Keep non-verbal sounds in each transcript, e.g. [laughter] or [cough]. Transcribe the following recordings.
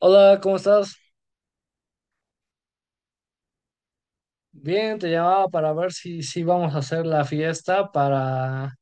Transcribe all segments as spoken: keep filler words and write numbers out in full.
Hola, ¿cómo estás? Bien, te llamaba para ver si, si vamos a hacer la fiesta para,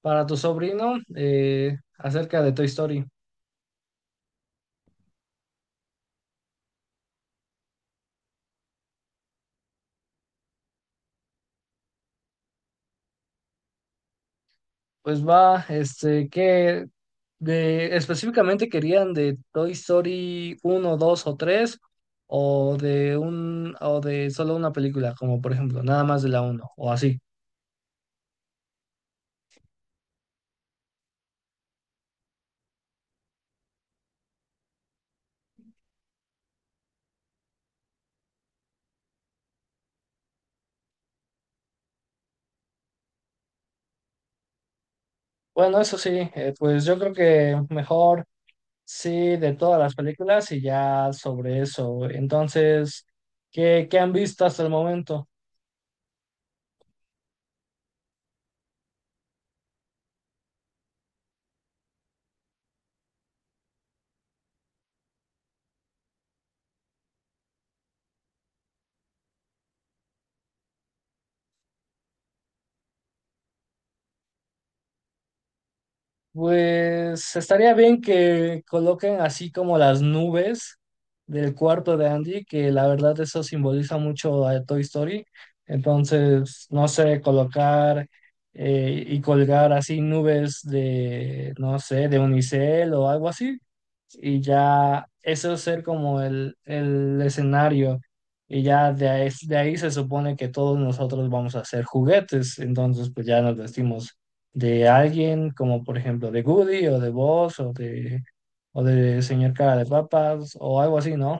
para tu sobrino eh, acerca de Toy Story. Pues va, este, que de, específicamente querían de Toy Story uno, dos o tres? O de un o de solo una película, como por ejemplo, nada más de la uno o así. Bueno, eso sí, eh, pues yo creo que mejor. Sí, de todas las películas y ya sobre eso. Entonces, ¿qué, qué han visto hasta el momento? Pues estaría bien que coloquen así como las nubes del cuarto de Andy, que la verdad eso simboliza mucho a Toy Story. Entonces, no sé, colocar eh, y colgar así nubes de, no sé, de unicel o algo así. Y ya eso ser como el, el escenario. Y ya de ahí, de ahí se supone que todos nosotros vamos a hacer juguetes. Entonces, pues ya nos vestimos de alguien como por ejemplo de Goody o de Boss o de o de señor cara de papas o algo así, ¿no?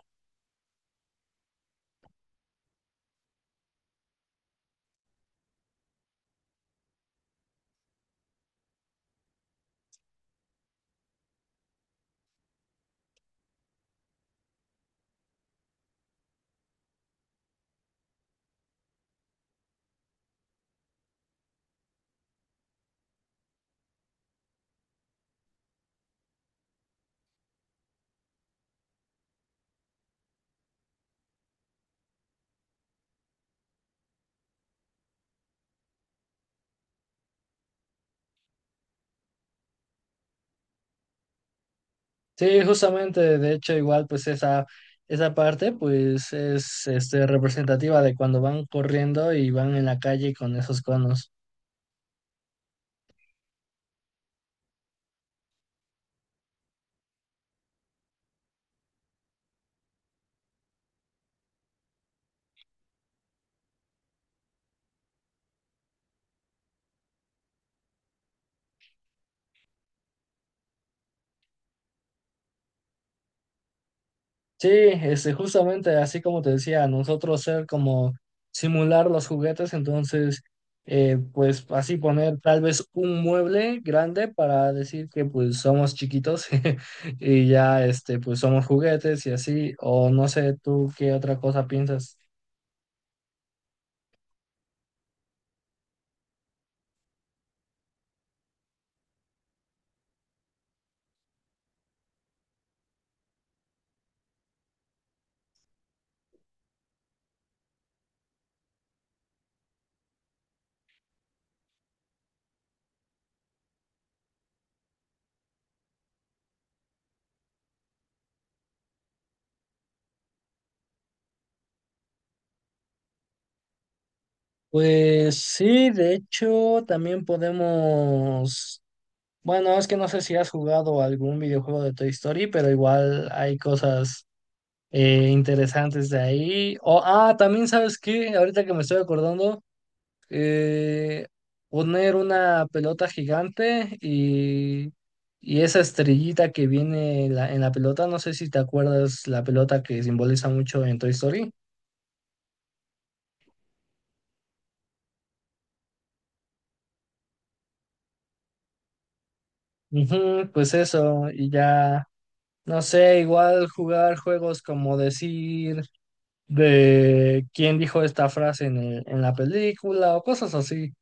Sí, justamente, de hecho igual pues esa esa parte pues es este representativa de cuando van corriendo y van en la calle con esos conos. Sí, este, justamente así como te decía, nosotros ser como simular los juguetes, entonces, eh, pues así poner tal vez un mueble grande para decir que pues somos chiquitos [laughs] y ya, este, pues somos juguetes y así, o no sé, tú qué otra cosa piensas. Pues sí, de hecho, también podemos, bueno, es que no sé si has jugado algún videojuego de Toy Story, pero igual hay cosas eh, interesantes de ahí. O, ah, también sabes qué, ahorita que me estoy acordando, eh, poner una pelota gigante y, y esa estrellita que viene en la, en la pelota, no sé si te acuerdas la pelota que simboliza mucho en Toy Story. Ujú, pues eso, y ya, no sé, igual jugar juegos como decir de quién dijo esta frase en el- en la película o cosas así.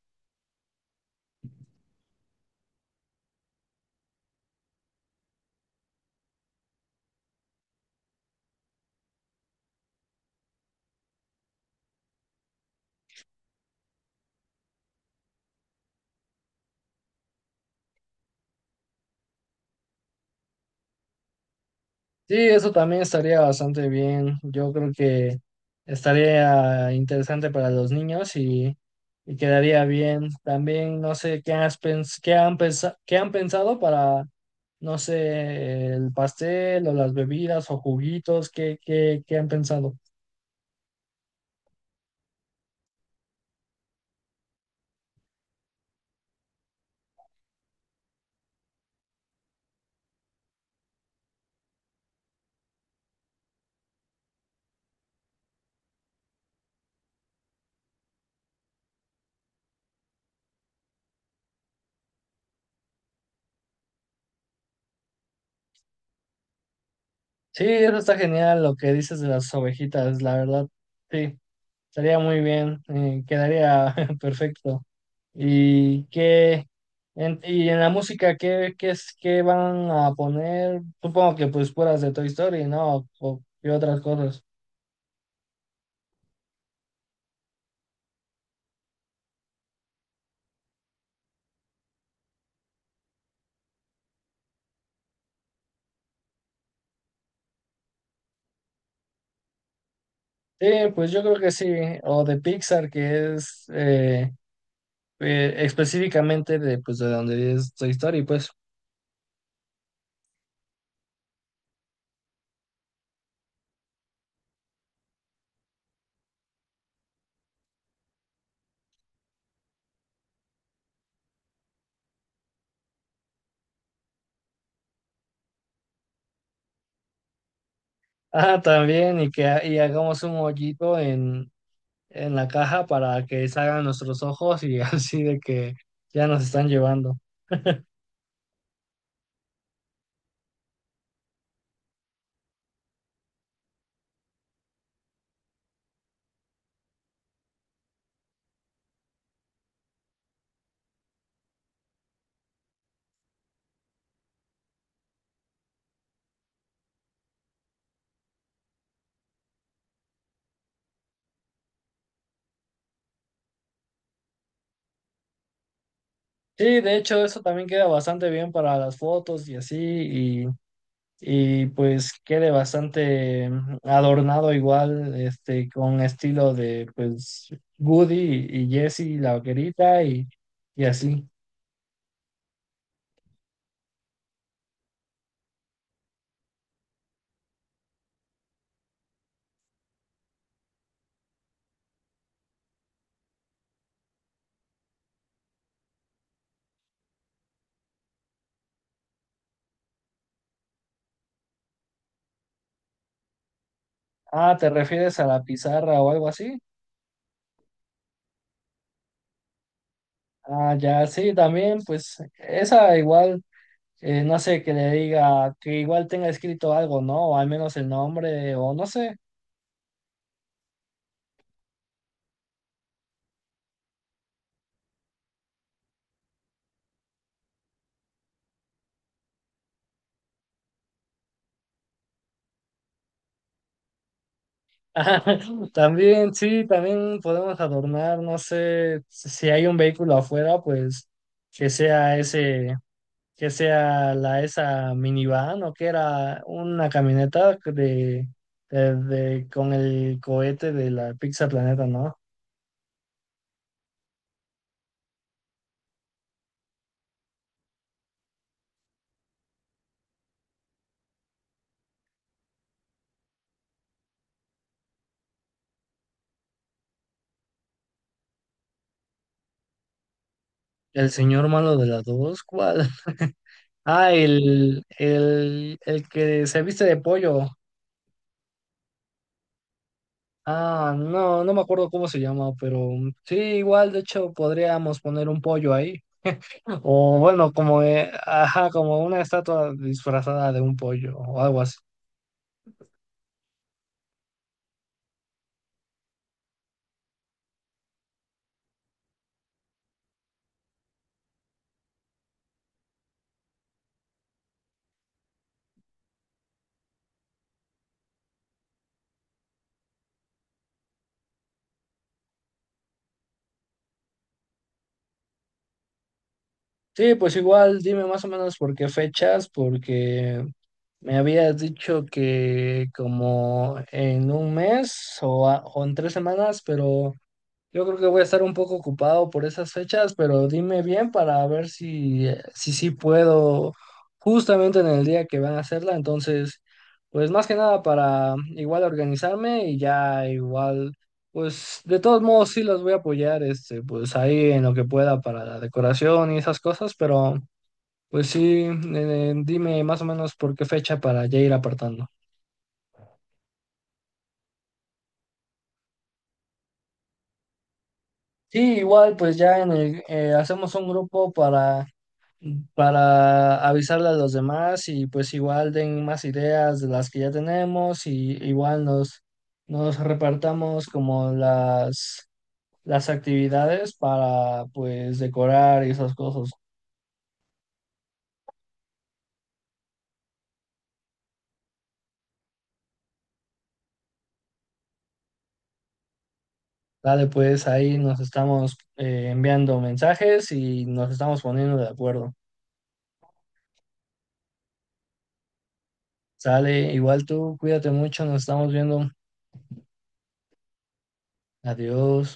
Sí, eso también estaría bastante bien. Yo creo que estaría interesante para los niños y, y quedaría bien. También no sé qué has pens- qué han pensa- qué han pensado para, no sé, el pastel o las bebidas o juguitos, qué, qué, qué han pensado. Sí, eso está genial lo que dices de las ovejitas, la verdad, sí, estaría muy bien, eh, quedaría [laughs] perfecto. ¿Y qué? En, y en la música, ¿qué, qué es, qué van a poner? Supongo que pues puras de Toy Story, ¿no? O, y otras cosas. Sí, pues yo creo que sí, o de Pixar, que es eh, eh, específicamente de, pues, de donde es Toy Story, pues. Ah, también, y que ha- y hagamos un hoyito en, en la caja para que salgan nuestros ojos y [laughs] así de que ya nos están llevando. Sí, de hecho, eso también queda bastante bien para las fotos y así, y, y pues quede bastante mm, adornado igual, este, con estilo de, pues, Woody y, y Jessie, la vaquerita y, y así. Ah, ¿te refieres a la pizarra o algo así? Ah, ya, sí, también, pues, esa igual. Eh, no sé, que le diga que igual tenga escrito algo, ¿no? O al menos el nombre, o no sé. [laughs] También, sí, también podemos adornar, no sé, si si hay un vehículo afuera, pues que sea ese, que sea la esa minivan o que era una camioneta de, de- de- con el cohete de la Pizza Planeta, ¿no? El señor malo de las dos, ¿cuál? [laughs] Ah, el, el, el que se viste de pollo. Ah, no, no me acuerdo cómo se llama, pero mm, sí, igual, de hecho, podríamos poner un pollo ahí. O bueno, como, eh, ajá, como una estatua disfrazada de un pollo o algo así. Sí, pues igual, dime más o menos por qué fechas, porque me habías dicho que como en un mes o, a- o en tres semanas, pero... Yo creo que voy a estar un poco ocupado por esas fechas, pero dime bien para ver si, eh, si sí puedo justamente en el día que van a hacerla. Entonces, pues más que nada para igual organizarme y ya igual, pues de todos modos sí los voy a apoyar, este, pues ahí en lo que pueda para la decoración y esas cosas, pero pues sí, eh, dime más o menos por qué fecha para ya ir apartando. Sí, igual pues ya en el, eh, hacemos un grupo para... para avisarle a los demás y pues igual den más ideas de las que ya tenemos y igual nos, nos repartamos como las, las actividades para pues decorar y esas cosas. Dale, pues ahí nos estamos eh, enviando mensajes y nos estamos poniendo de acuerdo. Sale, igual tú, cuídate mucho, nos estamos viendo. Adiós.